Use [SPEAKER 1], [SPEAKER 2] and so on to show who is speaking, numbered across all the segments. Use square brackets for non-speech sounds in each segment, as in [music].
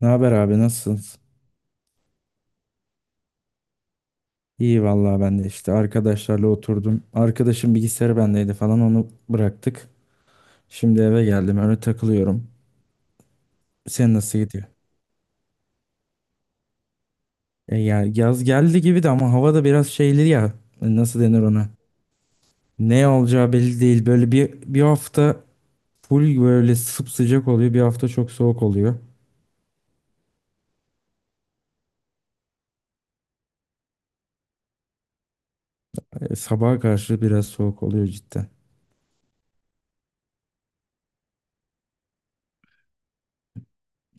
[SPEAKER 1] Ne haber abi nasılsınız? İyi vallahi ben de işte arkadaşlarla oturdum. Arkadaşım bilgisayarı bendeydi falan onu bıraktık. Şimdi eve geldim öyle takılıyorum. Sen nasıl gidiyor? E ya yaz geldi gibi de ama hava da biraz şeyli ya. Nasıl denir ona? Ne olacağı belli değil. Böyle bir hafta full böyle sıcak oluyor. Bir hafta çok soğuk oluyor. Sabaha karşı biraz soğuk oluyor cidden.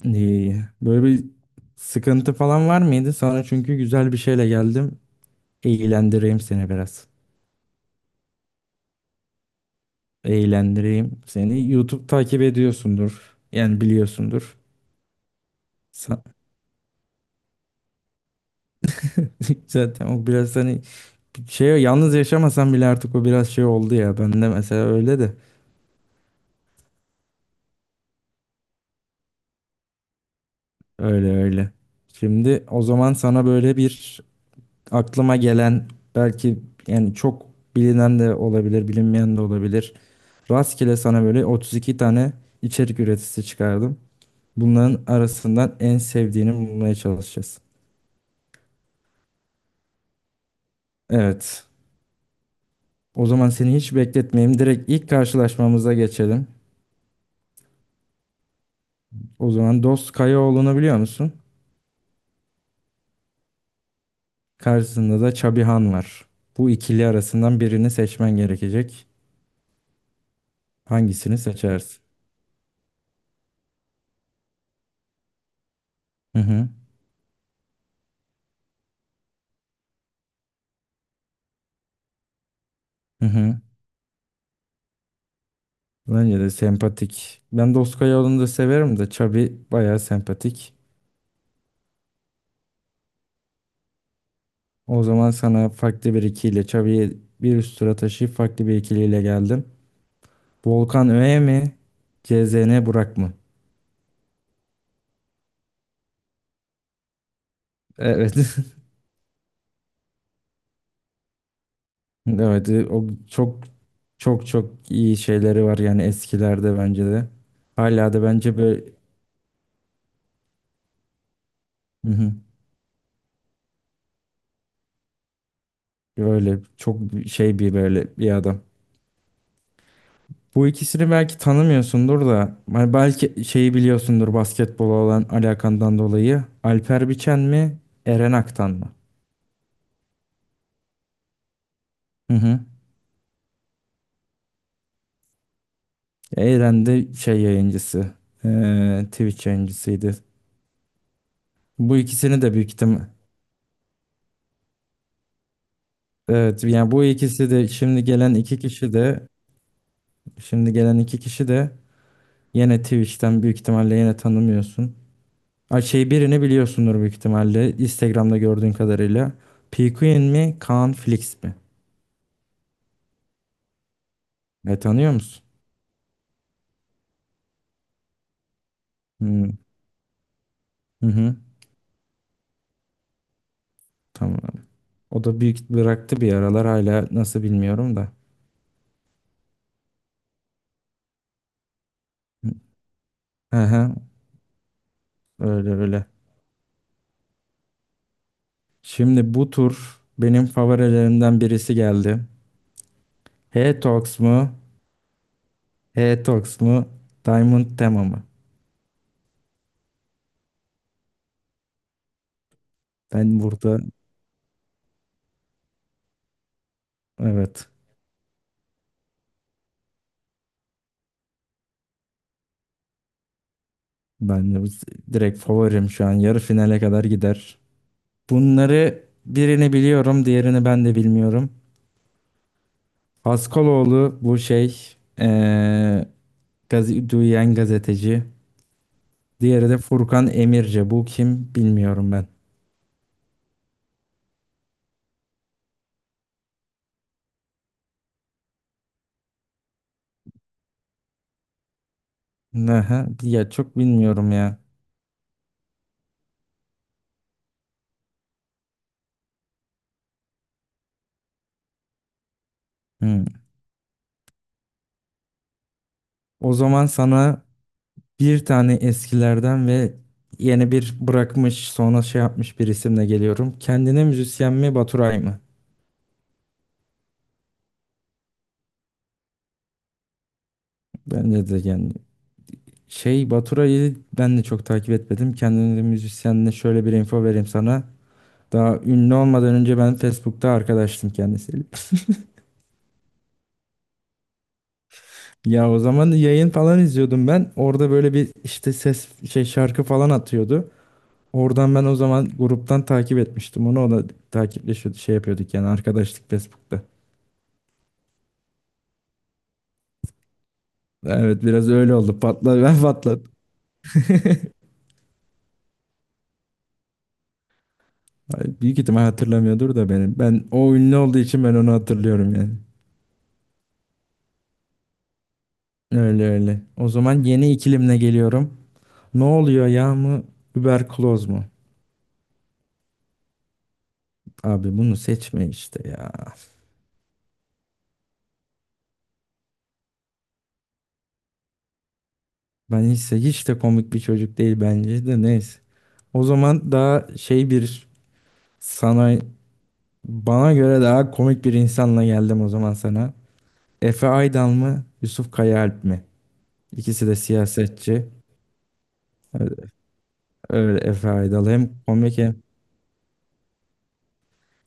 [SPEAKER 1] İyi. Böyle bir sıkıntı falan var mıydı? Sana çünkü güzel bir şeyle geldim. Eğlendireyim seni biraz. Eğlendireyim seni. YouTube takip ediyorsundur. Yani biliyorsundur. Sa- [laughs] Zaten o biraz hani şey yalnız yaşamasan bile artık o biraz şey oldu ya. Ben de mesela öyle de. Öyle öyle. Şimdi o zaman sana böyle bir aklıma gelen belki yani çok bilinen de olabilir, bilinmeyen de olabilir. Rastgele sana böyle 32 tane içerik üreticisi çıkardım. Bunların arasından en sevdiğini bulmaya çalışacağız. Evet. O zaman seni hiç bekletmeyeyim. Direkt ilk karşılaşmamıza geçelim. O zaman Dost Kayaoğlu'nu biliyor musun? Karşısında da Çabihan var. Bu ikili arasından birini seçmen gerekecek. Hangisini seçersin? Hı hı. Hı hı. Bence de sempatik. Ben Dost Kayaoğlu'nu da severim de Çabi bayağı sempatik. O zaman sana farklı bir ikiyle Çabi'yi bir üst tura taşıyıp farklı bir ikiliyle geldim. Volkan Öğe mi? CZN Burak mı? Evet. [laughs] Evet, o çok çok çok iyi şeyleri var yani eskilerde bence de. Hala da bence böyle. Hı hı. Öyle çok şey bir böyle bir adam. Bu ikisini belki tanımıyorsundur da hani belki şeyi biliyorsundur basketbola olan alakandan dolayı. Alper Biçen mi, Eren Aktan mı? Hı hı. Eren de şey yayıncısı, Twitch yayıncısıydı. Bu ikisini de büyük ihtimal. Evet, yani bu ikisi de şimdi gelen iki kişi de. Şimdi gelen iki kişi de Yine Twitch'ten büyük ihtimalle yine tanımıyorsun. Ay şey birini biliyorsundur büyük ihtimalle Instagram'da gördüğün kadarıyla. PQN mi Kaan Flix mi? E tanıyor musun? Hmm. Hı hı. Tamam. O da büyük bıraktı bir aralar hala nasıl bilmiyorum da. Hı hı. Öyle öyle. Şimdi bu tur benim favorilerimden birisi geldi. H-Tox mu? H-Tox mu? Diamond Tema mı? Ben burada evet. Ben de direkt favorim şu an. Yarı finale kadar gider. Bunları birini biliyorum, diğerini ben de bilmiyorum. Haskaloğlu bu şey gazi, duyan gazeteci. Diğeri de Furkan Emirce. Bu kim bilmiyorum ben. Aha, ya çok bilmiyorum ya. Hmm. O zaman sana bir tane eskilerden ve yeni bir bırakmış sonra şey yapmış bir isimle geliyorum. Kendine müzisyen mi Baturay mı? Bence de yani. Şey Baturay'ı ben de çok takip etmedim. Kendini müzisyenle şöyle bir info vereyim sana. Daha ünlü olmadan önce ben Facebook'ta arkadaştım kendisiyle. [laughs] Ya o zaman yayın falan izliyordum ben. Orada böyle bir işte ses şey şarkı falan atıyordu. Oradan ben o zaman gruptan takip etmiştim onu. O da takipleşiyordu şey yapıyorduk yani arkadaşlık Facebook'ta. Evet biraz öyle oldu. Patladı ben patladım. [laughs] Ay, büyük ihtimal hatırlamıyordur da benim. Ben o ünlü olduğu için ben onu hatırlıyorum yani. Öyle öyle. O zaman yeni ikilimle geliyorum. Ne oluyor ya mı? Überkloz mu? Abi bunu seçme işte ya. Ben hiç de komik bir çocuk değil bence de neyse. O zaman daha şey bir sana bana göre daha komik bir insanla geldim o zaman sana. Efe Aydal mı? Yusuf Kayaalp mi? İkisi de siyasetçi. Öyle, öyle Efe Aydal hem komik hem.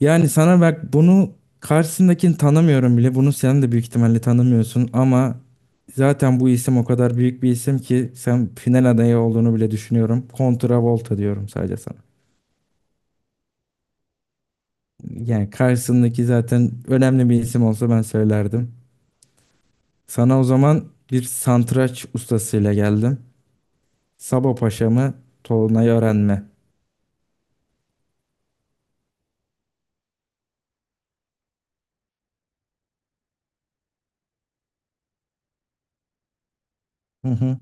[SPEAKER 1] Yani sana bak bunu karşısındakini tanımıyorum bile. Bunu sen de büyük ihtimalle tanımıyorsun ama zaten bu isim o kadar büyük bir isim ki sen final adayı olduğunu bile düşünüyorum. Volta diyorum sadece sana. Yani karşısındaki zaten önemli bir isim olsa ben söylerdim. Sana o zaman bir santraç ustasıyla geldim. Sabo Paşa mı, Tolunay Ören mi? Hı hı.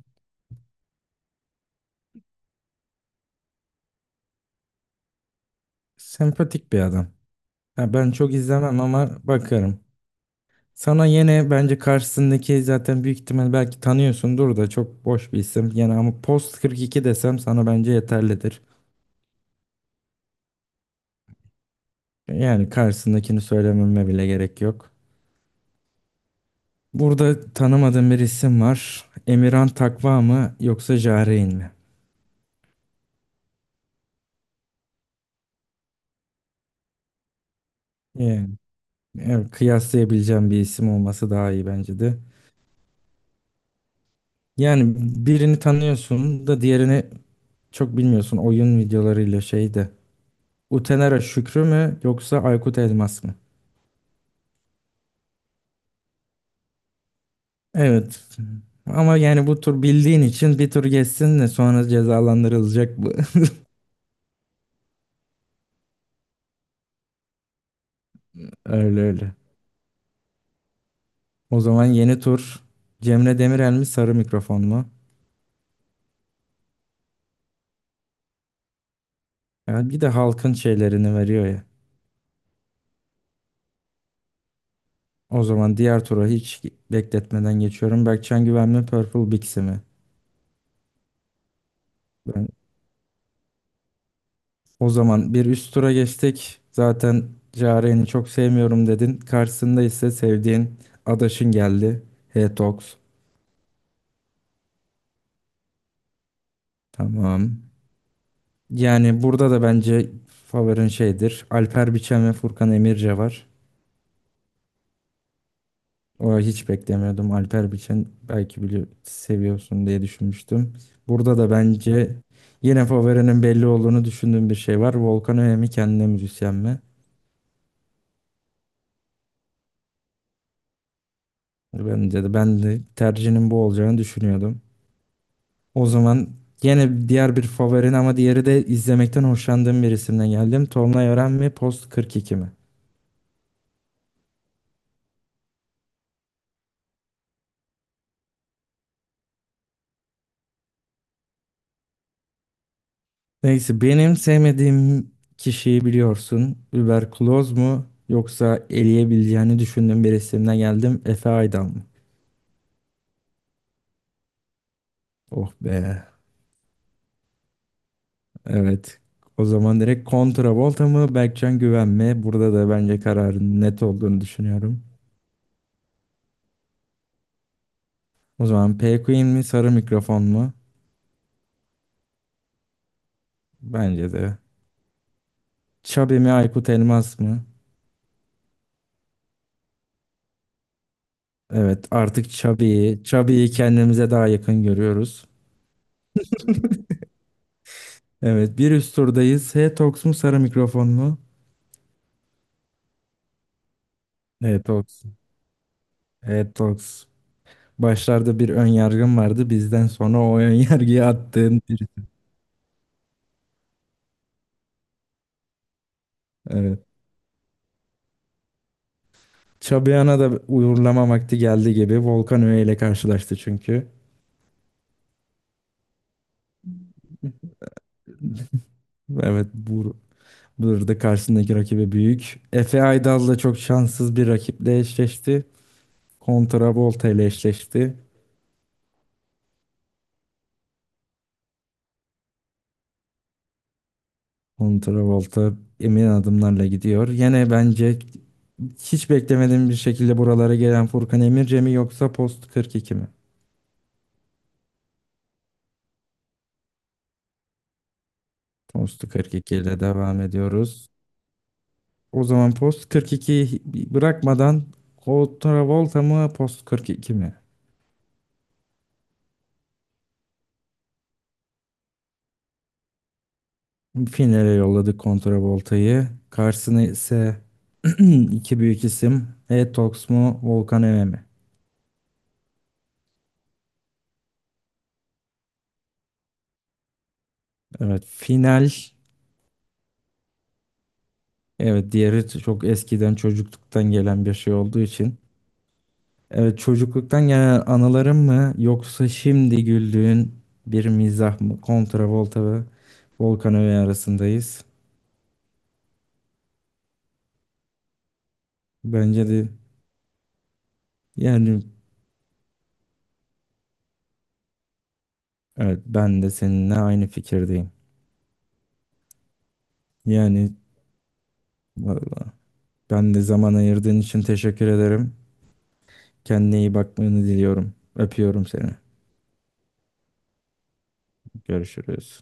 [SPEAKER 1] Sempatik bir adam. Ha, ben çok izlemem ama bakarım. Sana yine bence karşısındaki zaten büyük ihtimal belki tanıyorsundur da çok boş bir isim. Yani ama Post 42 desem sana bence yeterlidir. Yani karşısındakini söylememe bile gerek yok. Burada tanımadığım bir isim var. Emirhan Takva mı yoksa Jarein mi? Yani, evet, kıyaslayabileceğim bir isim olması daha iyi bence de. Yani birini tanıyorsun da diğerini çok bilmiyorsun oyun videolarıyla şeyde. Utenera Şükrü mü yoksa Aykut Elmas mı? Evet. Ama yani bu tur bildiğin için bir tur geçsin de sonra cezalandırılacak bu. [laughs] Öyle öyle. O zaman yeni tur Cemre Demirel mi sarı mikrofon mu? Ya bir de halkın şeylerini veriyor ya. O zaman diğer tura hiç bekletmeden geçiyorum. Berkcan Güven mi Purple Bixi mi? Ben, O zaman bir üst tura geçtik. Zaten Yaren'i çok sevmiyorum dedin. Karşısında ise sevdiğin adaşın geldi. H-Tox. Tamam. Yani burada da bence favorin şeydir. Alper Biçen ve Furkan Emirce var. O hiç beklemiyordum. Alper Biçen belki bili seviyorsun diye düşünmüştüm. Burada da bence yine favorinin belli olduğunu düşündüğüm bir şey var. Volkan Öğe kendine müzisyen mi? Bence de ben de tercihinin bu olacağını düşünüyordum. O zaman yine diğer bir favorin ama diğeri de izlemekten hoşlandığım bir isimden geldim. Tolunay Ören mi? Post 42 mi? Neyse benim sevmediğim kişiyi biliyorsun. Überkloz mu yoksa eleyebileceğini düşündüğüm bir isimden geldim. Efe Aydan mı? Oh be. Evet. O zaman direkt Volta mı Berkcan Güven mi? Burada da bence kararın net olduğunu düşünüyorum. O zaman P Queen mi sarı mikrofon mu? Bence de. Chubby mi Aykut Elmas mı? Evet artık Chubby'yi kendimize daha yakın görüyoruz. Evet bir üst turdayız. H-Tox mu sarı mikrofon mu? Evet, Evet Tox. Başlarda bir ön yargım vardı. Bizden sonra o ön yargıyı attığın birisi. Evet. Çabiyan'a da uğurlama vakti geldi gibi. Volkan Öğe ile karşılaştı çünkü. Evet burada karşısındaki rakibi büyük. Efe Aydal da çok şanssız bir rakiple eşleşti. Volta ile eşleşti. Volta emin adımlarla gidiyor. Yine bence hiç beklemediğim bir şekilde buralara gelen Furkan Emirce mi yoksa Post 42 mi? Post 42 ile devam ediyoruz. O zaman Post 42 bırakmadan Volta mı Post 42 mi? Finale yolladık Volta'yı. Karşısına ise [clears throat] iki büyük isim. Etox mu Volkan Eme mi? Evet final. Evet diğeri çok eskiden çocukluktan gelen bir şey olduğu için. Evet çocukluktan gelen anılarım mı yoksa şimdi güldüğün bir mizah mı? Volta ve Volkan Eme arasındayız. Bence de yani. Evet, ben de seninle aynı fikirdeyim. Yani vallahi ben de zaman ayırdığın için teşekkür ederim. Kendine iyi bakmanı diliyorum. Öpüyorum seni. Görüşürüz.